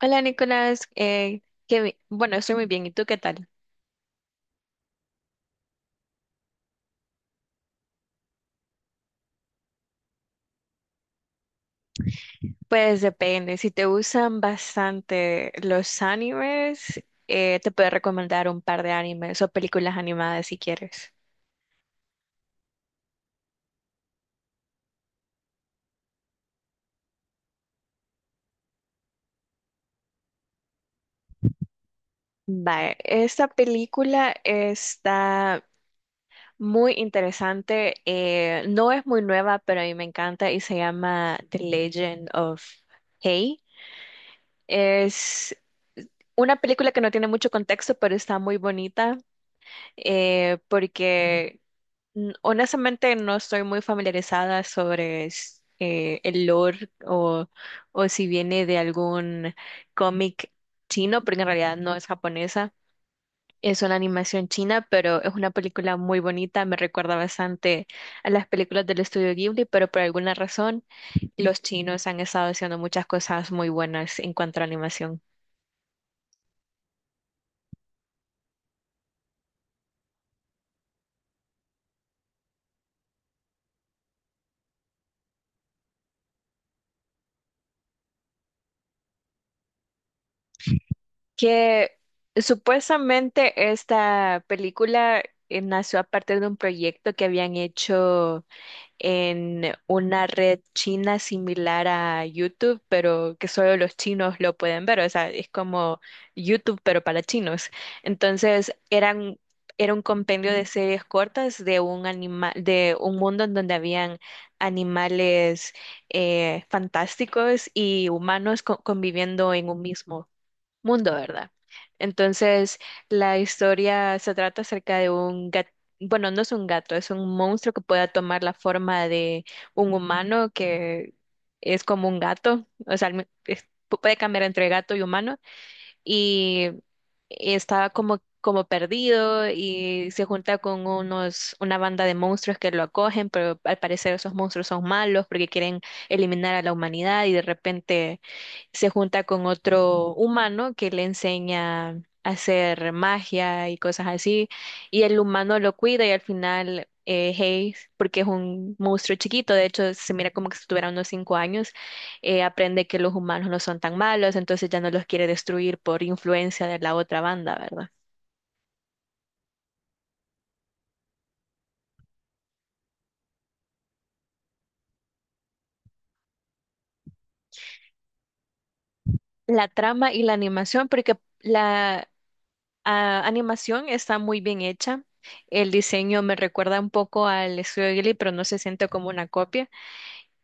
Hola Nicolás, bueno, estoy muy bien. ¿Y tú qué tal? Pues depende. Si te gustan bastante los animes, te puedo recomendar un par de animes o películas animadas si quieres. Vale, esta película está muy interesante. No es muy nueva, pero a mí me encanta y se llama The Legend of Hey. Es una película que no tiene mucho contexto, pero está muy bonita eh, porque honestamente, no estoy muy familiarizada sobre el lore o si viene de algún cómic chino, porque en realidad no es japonesa. Es una animación china, pero es una película muy bonita. Me recuerda bastante a las películas del estudio Ghibli, pero por alguna razón los chinos han estado haciendo muchas cosas muy buenas en cuanto a animación. Que supuestamente esta película nació a partir de un proyecto que habían hecho en una red china similar a YouTube, pero que solo los chinos lo pueden ver. O sea, es como YouTube, pero para chinos. Entonces, era un compendio de series cortas de un animal, de un mundo en donde habían animales fantásticos y humanos conviviendo en un mismo mundo, ¿verdad? Entonces, la historia se trata acerca de un gato, bueno, no es un gato, es un monstruo que pueda tomar la forma de un humano que es como un gato, o sea, puede cambiar entre gato y humano y estaba como perdido y se junta con unos una banda de monstruos que lo acogen, pero al parecer esos monstruos son malos porque quieren eliminar a la humanidad y de repente se junta con otro humano que le enseña a hacer magia y cosas así, y el humano lo cuida y al final Hayes, porque es un monstruo chiquito, de hecho se mira como que si tuviera unos 5 años, aprende que los humanos no son tan malos, entonces ya no los quiere destruir por influencia de la otra banda, ¿verdad? La trama y la animación, porque la animación está muy bien hecha. El diseño me recuerda un poco al estudio Ghibli, pero no se siente como una copia.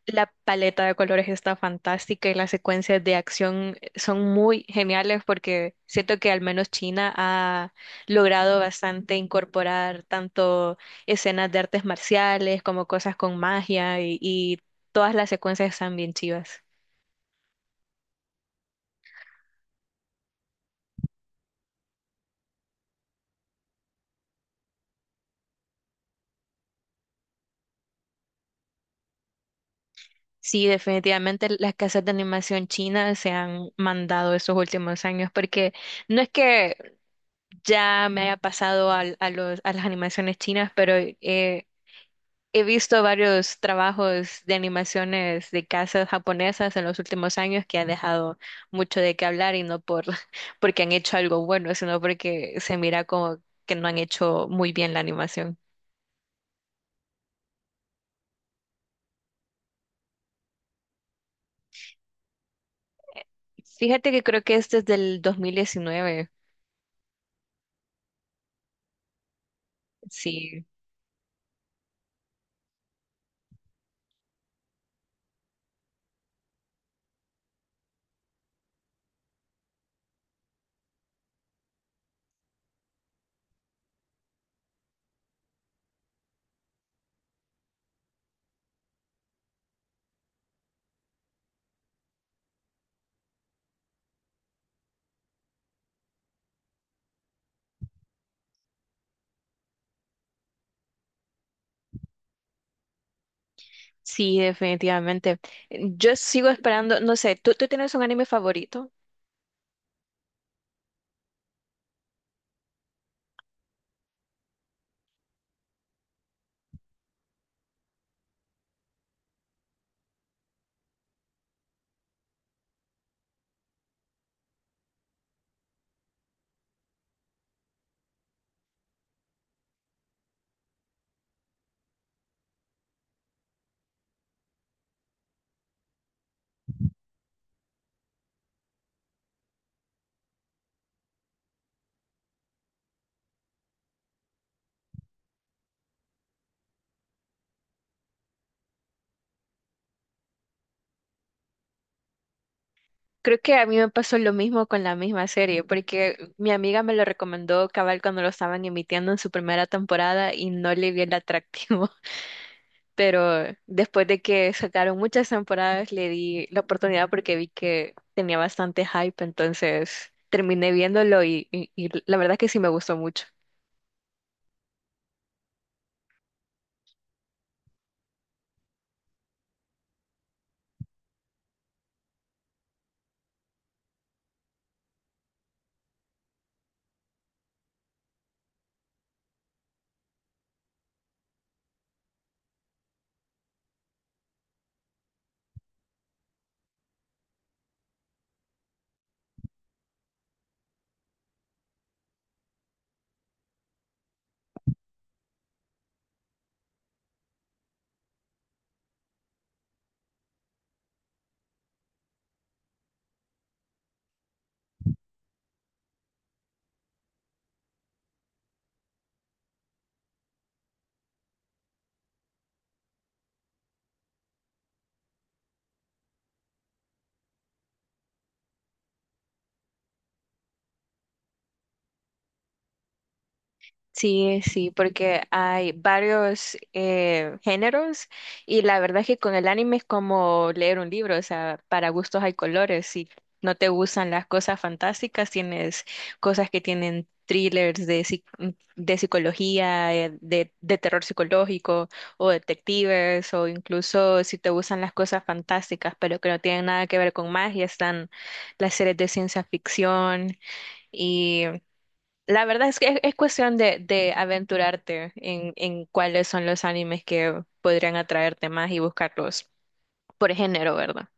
La paleta de colores está fantástica y las secuencias de acción son muy geniales porque siento que al menos China ha logrado bastante incorporar tanto escenas de artes marciales como cosas con magia y todas las secuencias están bien chivas. Sí, definitivamente las casas de animación china se han mandado estos últimos años porque no es que ya me haya pasado a las animaciones chinas, pero eh, he visto varios trabajos de animaciones de casas japonesas en los últimos años que ha dejado mucho de qué hablar y no por porque han hecho algo bueno, sino porque se mira como que no han hecho muy bien la animación. Fíjate que creo que este es del 2019. Sí, sí, definitivamente. Yo sigo esperando, no sé, ¿ tú tienes un anime favorito? Creo que a mí me pasó lo mismo con la misma serie, porque mi amiga me lo recomendó cabal cuando lo estaban emitiendo en su primera temporada y no le vi el atractivo, pero después de que sacaron muchas temporadas le di la oportunidad porque vi que tenía bastante hype, entonces terminé viéndolo y la verdad que sí me gustó mucho. Sí, sí, porque hay varios géneros y la verdad es que con el anime es como leer un libro, o sea, para gustos hay colores. Si no te gustan las cosas fantásticas, tienes cosas que tienen thrillers de psicología, de terror psicológico o detectives, o incluso si te gustan las cosas fantásticas, pero que no tienen nada que ver con magia, están las series de ciencia ficción. La verdad es que es cuestión de aventurarte en cuáles son los animes que podrían atraerte más y buscarlos por género, ¿verdad?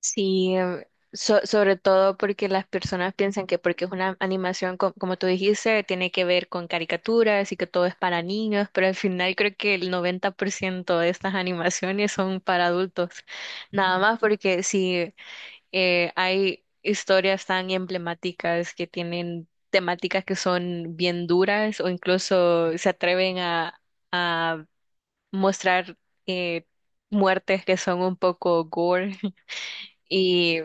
Sí, sobre todo porque las personas piensan que porque es una animación, como tú dijiste, tiene que ver con caricaturas y que todo es para niños, pero al final creo que el 90% de estas animaciones son para adultos. Nada más porque si hay historias tan emblemáticas que tienen temáticas que son bien duras o incluso se atreven a mostrar eh, muertes que son un poco gore y,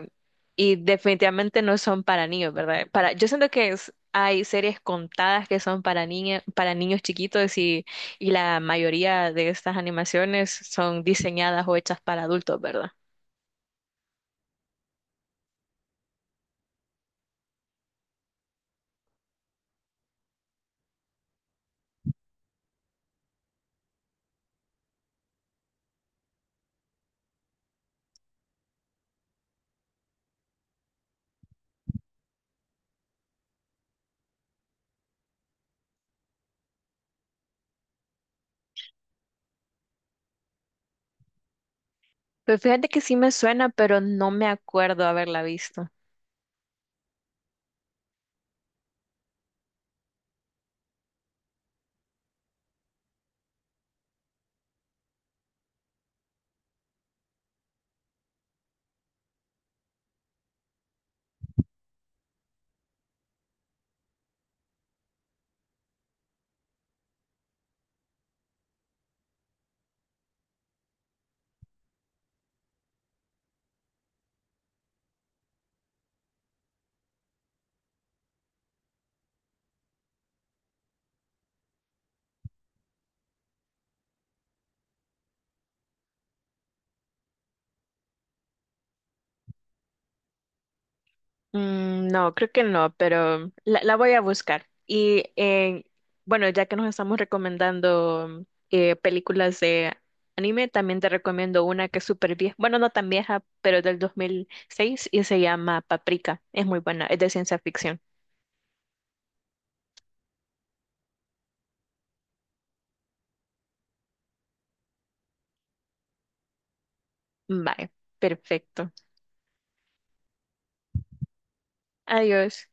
y definitivamente no son para niños, ¿verdad? Para, yo siento que hay series contadas que son para niña, para niños chiquitos y la mayoría de estas animaciones son diseñadas o hechas para adultos, ¿verdad? Pues fíjate que sí me suena, pero no me acuerdo haberla visto. Mm, no, creo que no, pero la voy a buscar. Y bueno, ya que nos estamos recomendando películas de anime, también te recomiendo una que es súper vieja, bueno, no tan vieja, pero del 2006 y se llama Paprika. Es muy buena, es de ciencia ficción. Vale, perfecto. Adiós.